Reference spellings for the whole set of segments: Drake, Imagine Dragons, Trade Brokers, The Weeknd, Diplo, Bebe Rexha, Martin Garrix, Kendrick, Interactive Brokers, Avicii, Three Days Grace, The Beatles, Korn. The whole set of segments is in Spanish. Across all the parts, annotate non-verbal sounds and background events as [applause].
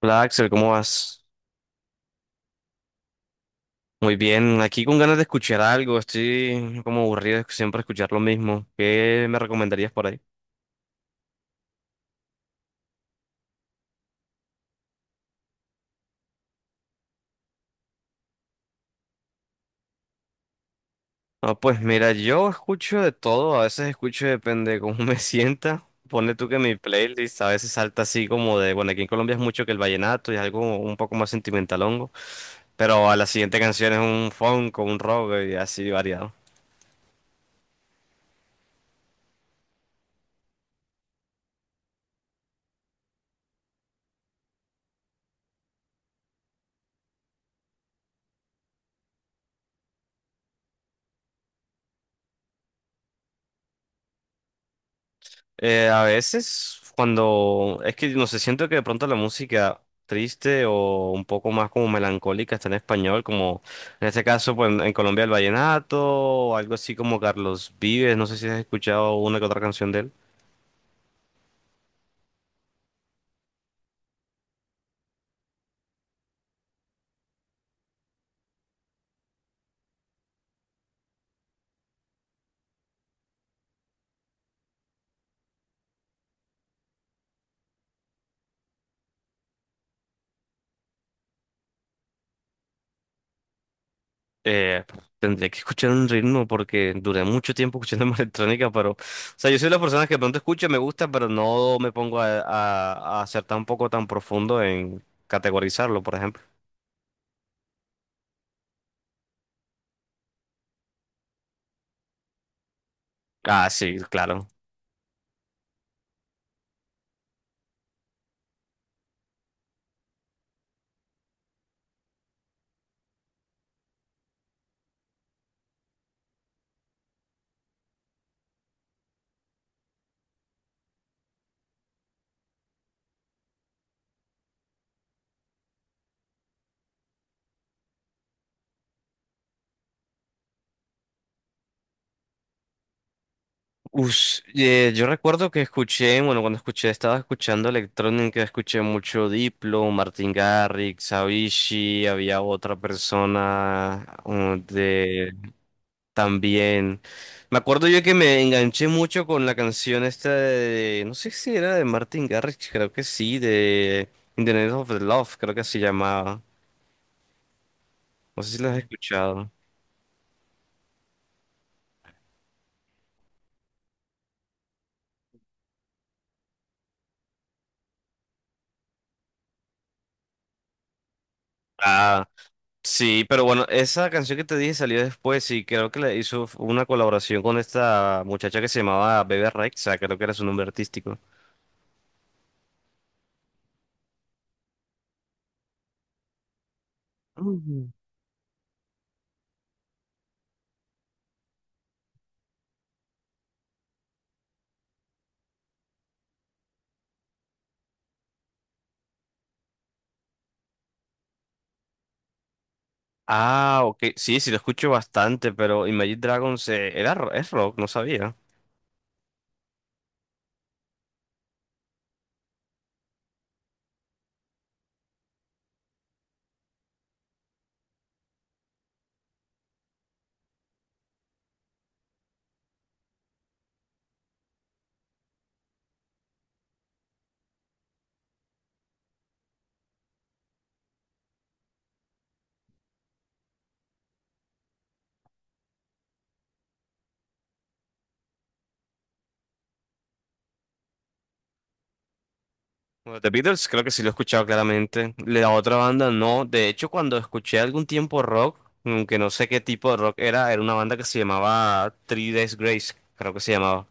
Hola Axel, ¿cómo vas? Muy bien, aquí con ganas de escuchar algo, estoy como aburrido de siempre escuchar lo mismo. ¿Qué me recomendarías por ahí? Ah, pues mira, yo escucho de todo, a veces escucho depende de cómo [laughs] me sienta. Pone tú que mi playlist a veces salta así como de, bueno, aquí en Colombia es mucho que el vallenato y algo un poco más sentimentalongo, pero a la siguiente canción es un funk o un rock y así variado. A veces, cuando es que no sé, siento que de pronto la música triste o un poco más como melancólica está en español, como en este caso, pues en Colombia el vallenato o algo así como Carlos Vives. No sé si has escuchado una que otra canción de él. Eh, Tendría que escuchar un ritmo porque duré mucho tiempo escuchando [laughs] música electrónica, pero, o sea, yo soy de las personas que de pronto escucho me gusta, pero no me pongo a ser tampoco tan profundo en categorizarlo, por ejemplo. Ah, sí, claro. Yo recuerdo que escuché, bueno, cuando escuché, estaba escuchando electrónica, escuché mucho Diplo, Martin Garrix, Avicii, había otra persona de también. Me acuerdo yo que me enganché mucho con la canción esta de, no sé si era de Martin Garrix, creo que sí, de In the Name of the Love, creo que así llamaba. No sé si la has escuchado. Sí, pero bueno, esa canción que te dije salió después y creo que le hizo una colaboración con esta muchacha que se llamaba Bebe Rexha, creo que era su nombre artístico. Mm. Ah, ok, sí, sí lo escucho bastante, pero Imagine Dragons era, es rock, no sabía. Bueno, The Beatles creo que sí lo he escuchado claramente. La otra banda no, de hecho cuando escuché algún tiempo rock, aunque no sé qué tipo de rock era, era una banda que se llamaba Three Days Grace, creo que se llamaba.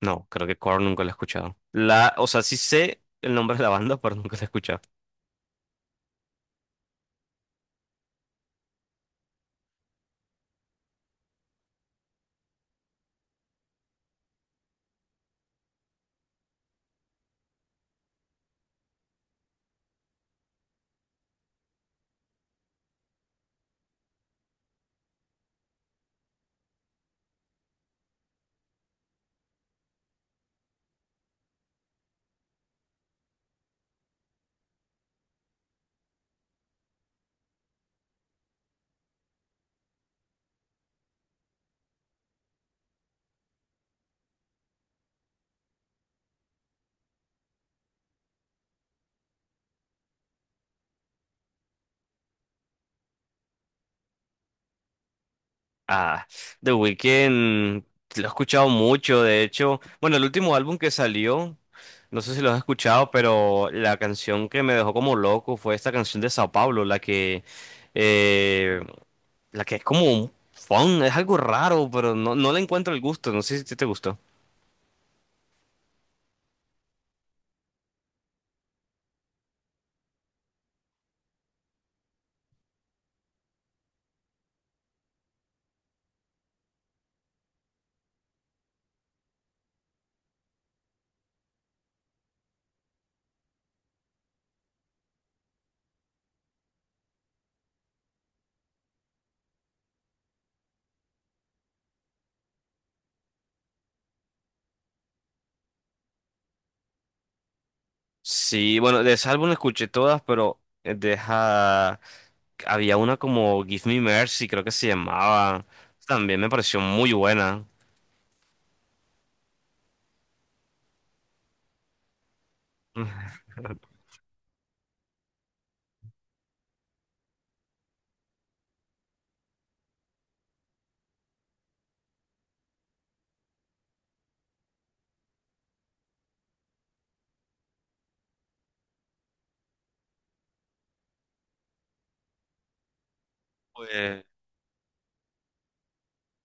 No, creo que Korn nunca lo he escuchado. La, o sea, sí sé el nombre de la banda, [laughs] pero nunca la he escuchado. Ah, The Weeknd lo he escuchado mucho, de hecho. Bueno, el último álbum que salió, no sé si lo has escuchado, pero la canción que me dejó como loco fue esta canción de Sao Paulo, eh, la que es como un funk, es algo raro, pero no, no le encuentro el gusto. No sé si te gustó. Sí, bueno, de ese álbum escuché todas, pero deja... Había una como Give Me Mercy, creo que se llamaba. También me pareció muy buena. Pues,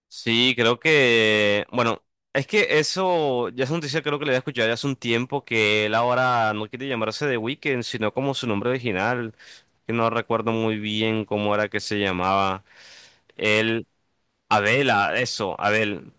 sí, creo que, bueno, es que eso ya es una noticia creo que le había escuchado ya hace un tiempo que él ahora no quiere llamarse The Weeknd, sino como su nombre original, que no recuerdo muy bien cómo era que se llamaba. Él, Abela, eso, Abel.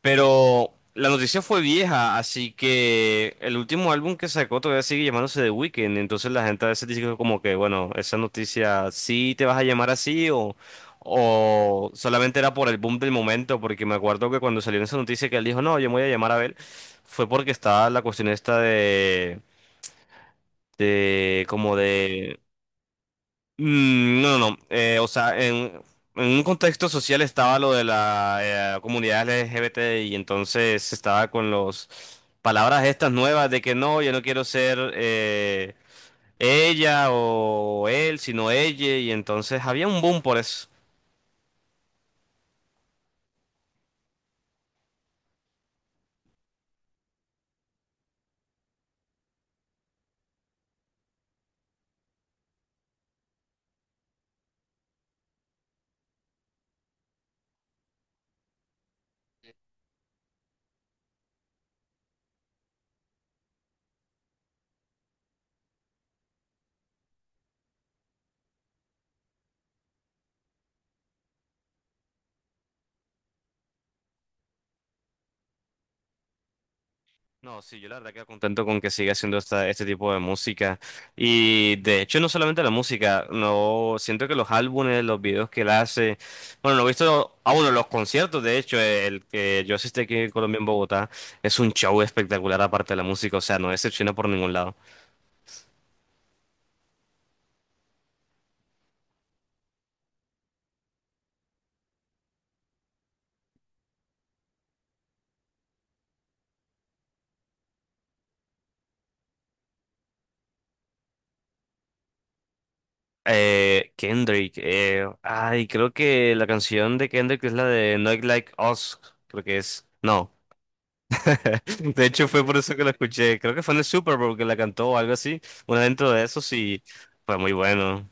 Pero la noticia fue vieja, así que el último álbum que sacó todavía sigue llamándose The Weeknd. Entonces la gente a veces dice como que, bueno, esa noticia sí te vas a llamar así o solamente era por el boom del momento, porque me acuerdo que cuando salió esa noticia que él dijo, no, yo me voy a llamar Abel, fue porque estaba la cuestión esta de como Sí. de, Mm, no, no, no. O sea, en un contexto social estaba lo de la comunidad LGBT y entonces estaba con los palabras estas nuevas de que no, yo no quiero ser ella o él, sino ella y entonces había un boom por eso. No, sí, yo la verdad que contento con que siga haciendo esta, este tipo de música. Y de hecho, no solamente la música, no siento que los álbumes, los videos que él hace, bueno, no he visto, ah, bueno, los conciertos, de hecho, el que yo asistí aquí en Colombia, en Bogotá, es un show espectacular aparte de la música, o sea, no decepciona por ningún lado. Kendrick, ay, creo que la canción de Kendrick es la de Not Like Us, creo que es. No. [laughs] De hecho, fue por eso que la escuché. Creo que fue en el Super Bowl que la cantó o algo así. Una dentro de eso, sí, fue muy bueno.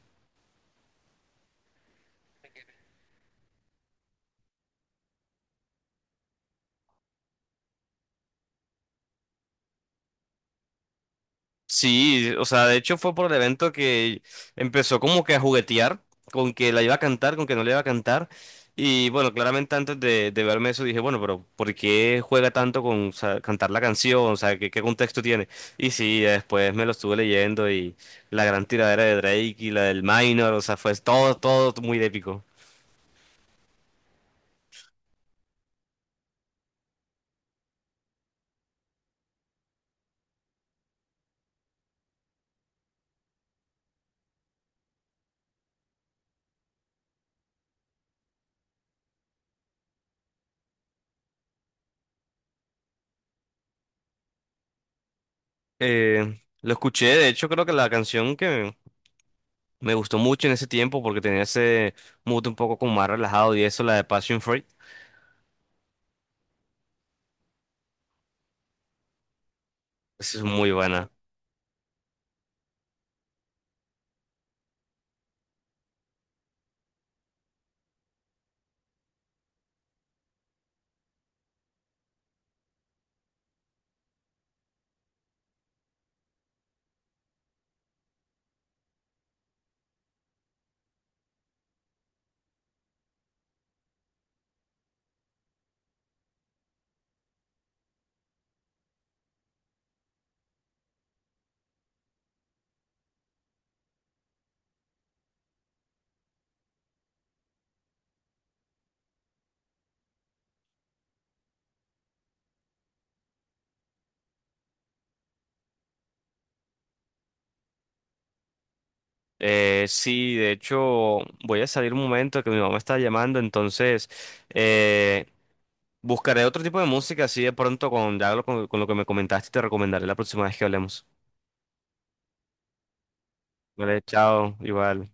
Sí, o sea, de hecho fue por el evento que empezó como que a juguetear con que la iba a cantar, con que no la iba a cantar. Y bueno, claramente antes de verme eso dije, bueno, pero ¿por qué juega tanto con o sea, cantar la canción? O sea, ¿qué, qué contexto tiene? Y sí, ya después me lo estuve leyendo y la gran tiradera de Drake y la del Minor, o sea, fue todo, todo muy épico. Lo escuché, de hecho creo que la canción que me gustó mucho en ese tiempo porque tenía ese mood un poco como más relajado y eso, la de Passion Fruit, esa es muy buena. Sí, de hecho voy a salir un momento que mi mamá está llamando, entonces eh, buscaré otro tipo de música así de pronto con, con lo que me comentaste te recomendaré la próxima vez que hablemos. Vale, chao, igual.